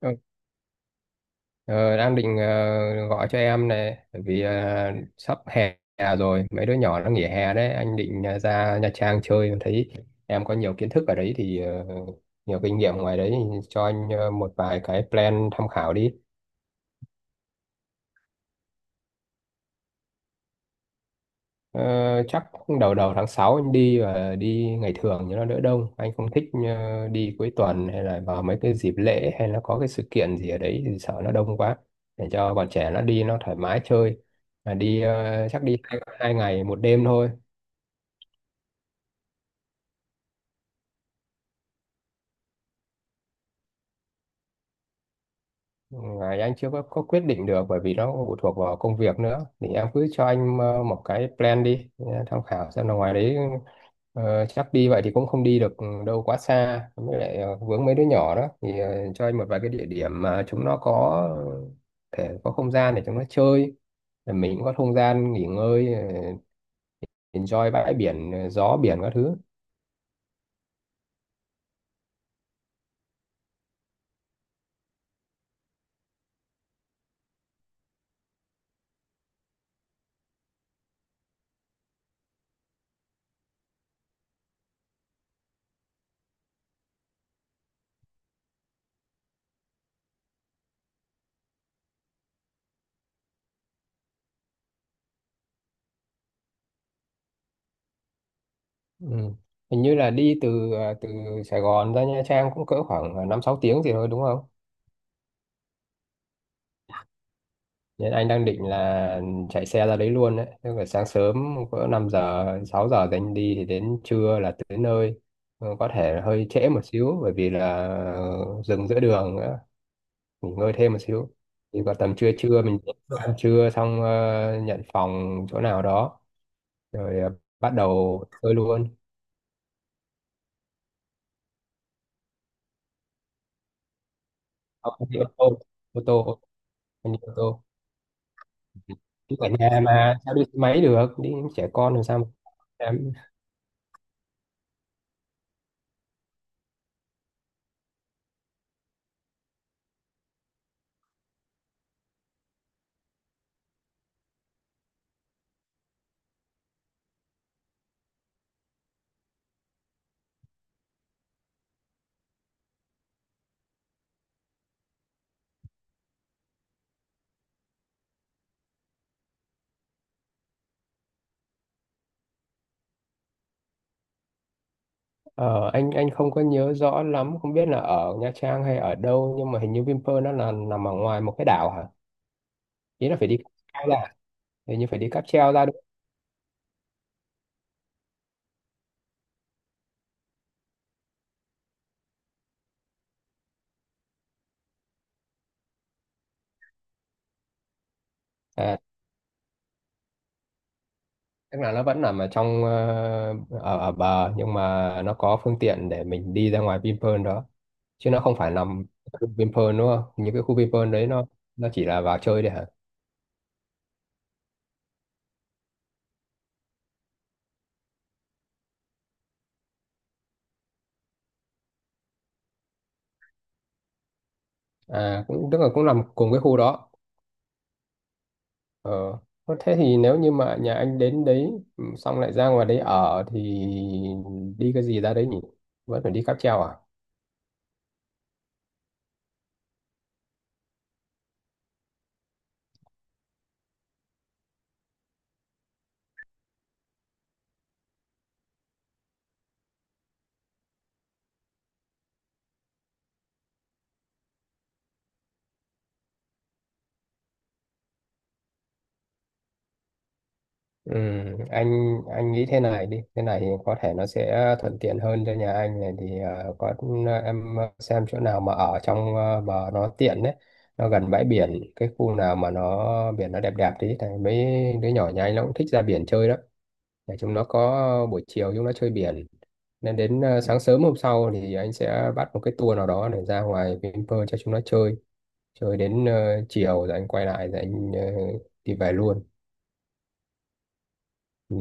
Ừ. Ờ, đang định gọi cho em này bởi vì sắp hè rồi mấy đứa nhỏ nó nghỉ hè đấy, anh định ra Nha Trang chơi. Thấy em có nhiều kiến thức ở đấy thì nhiều kinh nghiệm ngoài đấy, thì cho anh một vài cái plan tham khảo đi. Ờ, chắc đầu đầu tháng 6 anh đi, và đi ngày thường cho nó đỡ đông. Anh không thích đi cuối tuần hay là vào mấy cái dịp lễ hay là có cái sự kiện gì ở đấy thì sợ nó đông quá. Để cho bọn trẻ nó đi nó thoải mái chơi. Mà đi chắc đi hai ngày một đêm thôi. Ngày anh chưa có quyết định được bởi vì nó cũng phụ thuộc vào công việc nữa, thì em cứ cho anh một cái plan đi tham khảo, xem là ngoài đấy chắc đi vậy thì cũng không đi được đâu quá xa, với lại vướng mấy đứa nhỏ đó thì cho anh một vài cái địa điểm mà chúng nó có thể có không gian để chúng nó chơi, rồi mình cũng có không gian nghỉ ngơi, enjoy bãi biển, gió biển các thứ. Ừ, hình như là đi từ từ Sài Gòn ra Nha Trang cũng cỡ khoảng năm sáu tiếng gì thôi, đúng không? Nên anh đang định là chạy xe ra đấy luôn đấy. Tức là sáng sớm cỡ 5 giờ, 6 giờ thì anh đi, thì đến trưa là tới nơi. Ừ, có thể hơi trễ một xíu bởi vì là dừng giữa đường nữa, nghỉ ngơi thêm một xíu. Thì vào tầm trưa trưa mình ăn trưa xong nhận phòng chỗ nào đó rồi bắt đầu chơi luôn. Không, không đi ô tô, không đi ô tô. Chứ ở nhà mà sao đi xe máy được, đi những trẻ con làm sao mà. Ờ, anh không có nhớ rõ lắm, không biết là ở Nha Trang hay ở đâu, nhưng mà hình như Vinpearl nó là nằm ở ngoài một cái đảo hả? Ý là phải đi cáp treo ra, hình như phải đi cáp treo ra đúng không? À, tức là nó vẫn nằm ở trong ở ở bờ, nhưng mà nó có phương tiện để mình đi ra ngoài Vinpearl đó. Chứ nó không phải nằm ở khu Vinpearl đúng không? Những cái khu Vinpearl đấy nó chỉ là vào chơi đấy hả? À cũng tức là cũng nằm cùng cái khu đó. Ờ. Thế thì nếu như mà nhà anh đến đấy, xong lại ra ngoài đấy ở thì đi cái gì ra đấy nhỉ? Vẫn phải đi cáp treo à? Ừ, anh nghĩ thế này đi, thế này thì có thể nó sẽ thuận tiện hơn cho nhà anh này, thì có, em xem chỗ nào mà ở trong bờ nó tiện đấy, nó gần bãi biển, cái khu nào mà nó biển nó đẹp đẹp tí thì mấy đứa nhỏ nhà anh nó cũng thích ra biển chơi đó. Để chúng nó có buổi chiều chúng nó chơi biển, nên đến sáng sớm hôm sau thì anh sẽ bắt một cái tour nào đó để ra ngoài Vinpearl cho chúng nó chơi chơi đến chiều, rồi anh quay lại rồi anh đi về luôn. Ừ.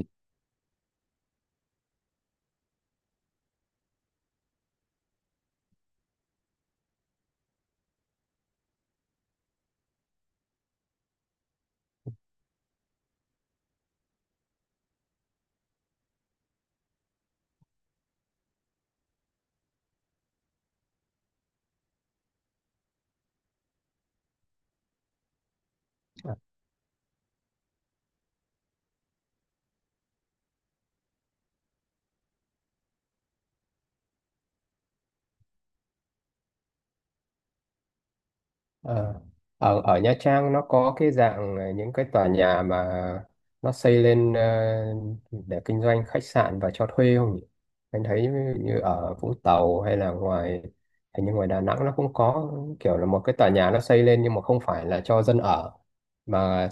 Ờ. Ở ở Nha Trang nó có cái dạng là những cái tòa nhà mà nó xây lên để kinh doanh khách sạn và cho thuê không nhỉ? Anh thấy như ở Vũng Tàu hay là ngoài, hình như ngoài Đà Nẵng nó cũng có kiểu là một cái tòa nhà nó xây lên nhưng mà không phải là cho dân ở, mà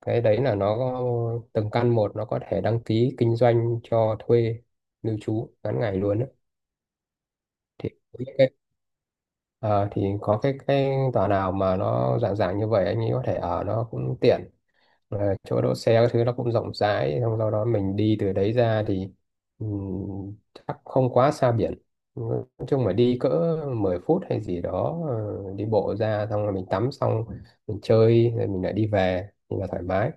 cái đấy là nó từng căn một nó có thể đăng ký kinh doanh cho thuê lưu trú ngắn ngày luôn á. Thì có cái tòa nào mà nó dạng dạng như vậy anh nghĩ có thể ở nó cũng tiện. Ờ, chỗ đỗ xe các thứ nó cũng rộng rãi, xong sau đó mình đi từ đấy ra thì chắc không quá xa biển. Ừ, nói chung mà đi cỡ 10 phút hay gì đó đi bộ ra, xong rồi mình tắm xong mình chơi rồi mình lại đi về thì là thoải mái.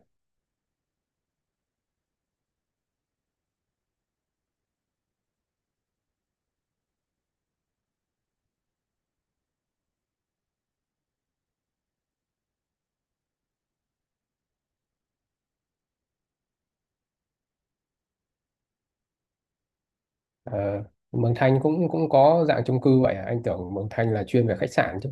Ờ, Mường Thanh cũng cũng có dạng chung cư vậy à? Anh tưởng Mường Thanh là chuyên về khách sạn chứ.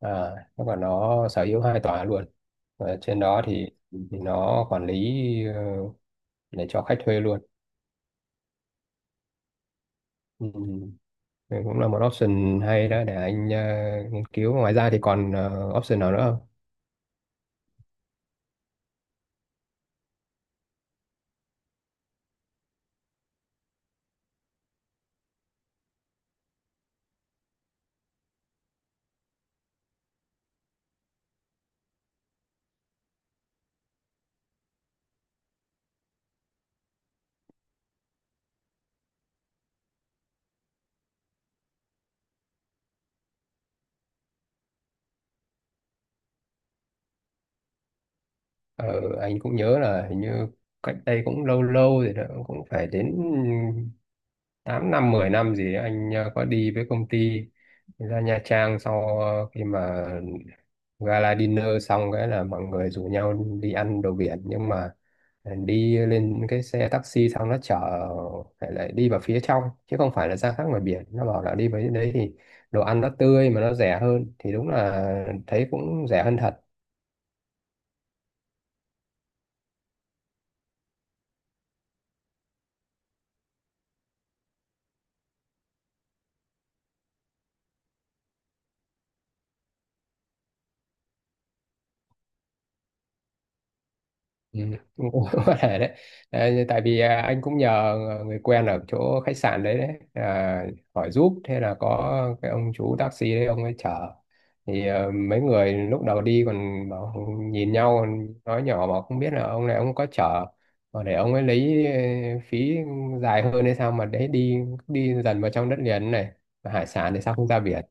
À, nó còn nó sở hữu hai tòa luôn, và trên đó thì nó quản lý ờ, để cho khách thuê luôn. Ừ. Thì cũng là một option hay đó để anh nghiên cứu, ngoài ra thì còn option nào nữa không? Ờ, anh cũng nhớ là hình như cách đây cũng lâu lâu rồi đó, cũng phải đến 8 năm 10 năm gì ấy, anh có đi với công ty ra Nha Trang, sau khi mà gala dinner xong cái là mọi người rủ nhau đi ăn đồ biển, nhưng mà đi lên cái xe taxi xong nó chở lại lại đi vào phía trong chứ không phải là ra khác ngoài biển. Nó bảo là đi với đấy thì đồ ăn nó tươi mà nó rẻ hơn, thì đúng là thấy cũng rẻ hơn thật. Ừ, cũng cũng có thể đấy. Đấy, tại vì à, anh cũng nhờ người quen ở chỗ khách sạn đấy đấy à, hỏi giúp, thế là có cái ông chú taxi đấy ông ấy chở. Thì à, mấy người lúc đầu đi còn bảo, nhìn nhau nói nhỏ mà không biết là ông này ông có chở mà để ông ấy lấy phí dài hơn hay sao, mà đấy đi đi dần vào trong đất liền này. Mà hải sản thì sao không ra biển.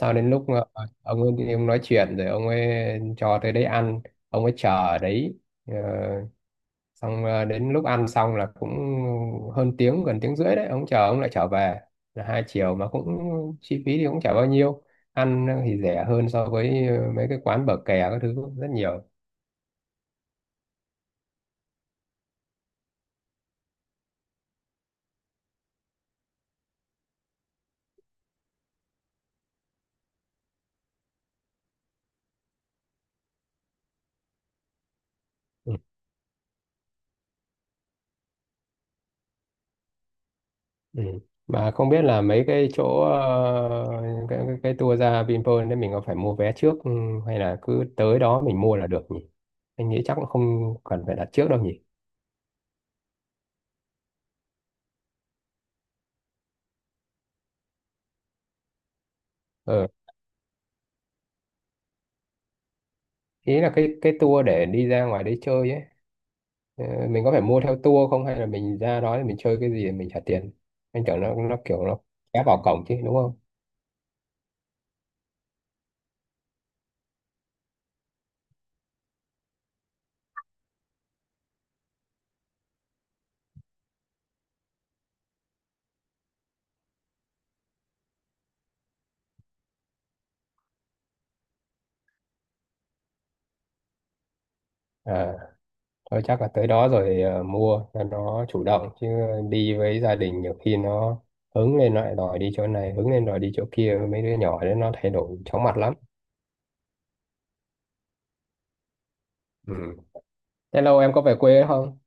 Sau đến lúc ông ấy ông nói chuyện rồi ông ấy cho tới đấy ăn, ông ấy chờ ở đấy. Ờ, xong đến lúc ăn xong là cũng hơn tiếng gần tiếng rưỡi đấy, ông chờ ông lại trở về là hai chiều, mà cũng chi phí thì cũng chả bao nhiêu. Ăn thì rẻ hơn so với mấy cái quán bờ kè các thứ rất nhiều. Ừ. Ừ, mà không biết là mấy cái chỗ cái tour ra Vinpearl đấy mình có phải mua vé trước, hay là cứ tới đó mình mua là được nhỉ? Anh nghĩ chắc cũng không cần phải đặt trước đâu nhỉ. Ừ. Ý là cái tour để đi ra ngoài đấy chơi ấy. Ờ, mình có phải mua theo tour không hay là mình ra đó thì mình chơi cái gì thì mình trả tiền? Anh tưởng nó kiểu nó ép vào cổng chứ đúng không? À thôi chắc là tới đó rồi mua cho nó chủ động chứ, đi với gia đình nhiều khi nó hứng lên nó lại đòi đi chỗ này, hứng lên đòi đi chỗ kia, mấy đứa nhỏ đấy nó thay đổi chóng mặt lắm. Ừ. Thế lâu em có về quê không?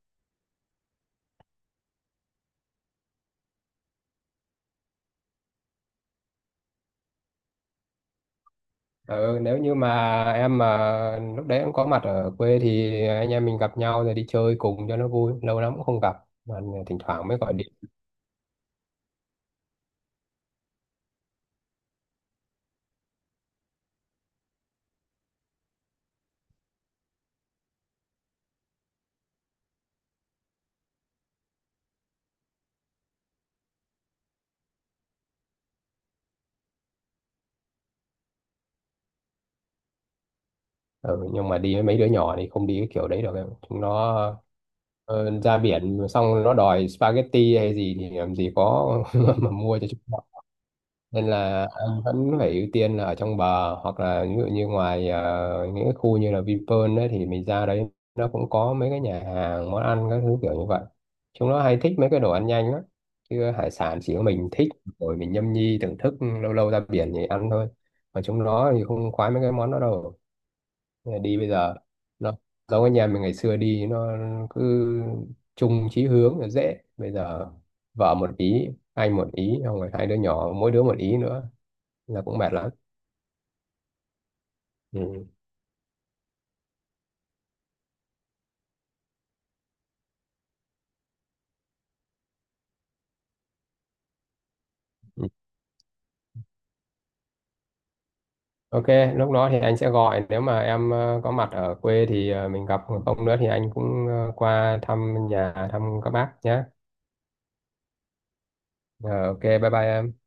Ừ, nếu như mà em mà lúc đấy em có mặt ở quê thì anh em mình gặp nhau rồi đi chơi cùng cho nó vui, lâu lắm cũng không gặp mà, thỉnh thoảng mới gọi điện. Ừ, nhưng mà đi với mấy đứa nhỏ thì không đi cái kiểu đấy được em, chúng nó ra biển xong nó đòi spaghetti hay gì thì làm gì có mà mua cho chúng nó. Nên là anh vẫn phải ưu tiên là ở trong bờ, hoặc là ví dụ như ngoài những cái khu như là Vinpearl đấy thì mình ra đấy, nó cũng có mấy cái nhà hàng món ăn các thứ kiểu như vậy. Chúng nó hay thích mấy cái đồ ăn nhanh lắm, chứ hải sản chỉ có mình thích rồi mình nhâm nhi thưởng thức, lâu lâu ra biển thì ăn thôi, mà chúng nó thì không khoái mấy cái món đó đâu. Bây giờ đi bây giờ nó giống cái nhà mình ngày xưa đi nó cứ chung chí hướng là dễ, bây giờ vợ một ý, anh một ý, xong rồi hai đứa nhỏ mỗi đứa một ý nữa là cũng mệt lắm. Ừ. Ừ, ok, lúc đó thì anh sẽ gọi, nếu mà em có mặt ở quê thì mình gặp, còn không nữa thì anh cũng qua thăm nhà thăm các bác nhé. Ờ, ok, bye bye em.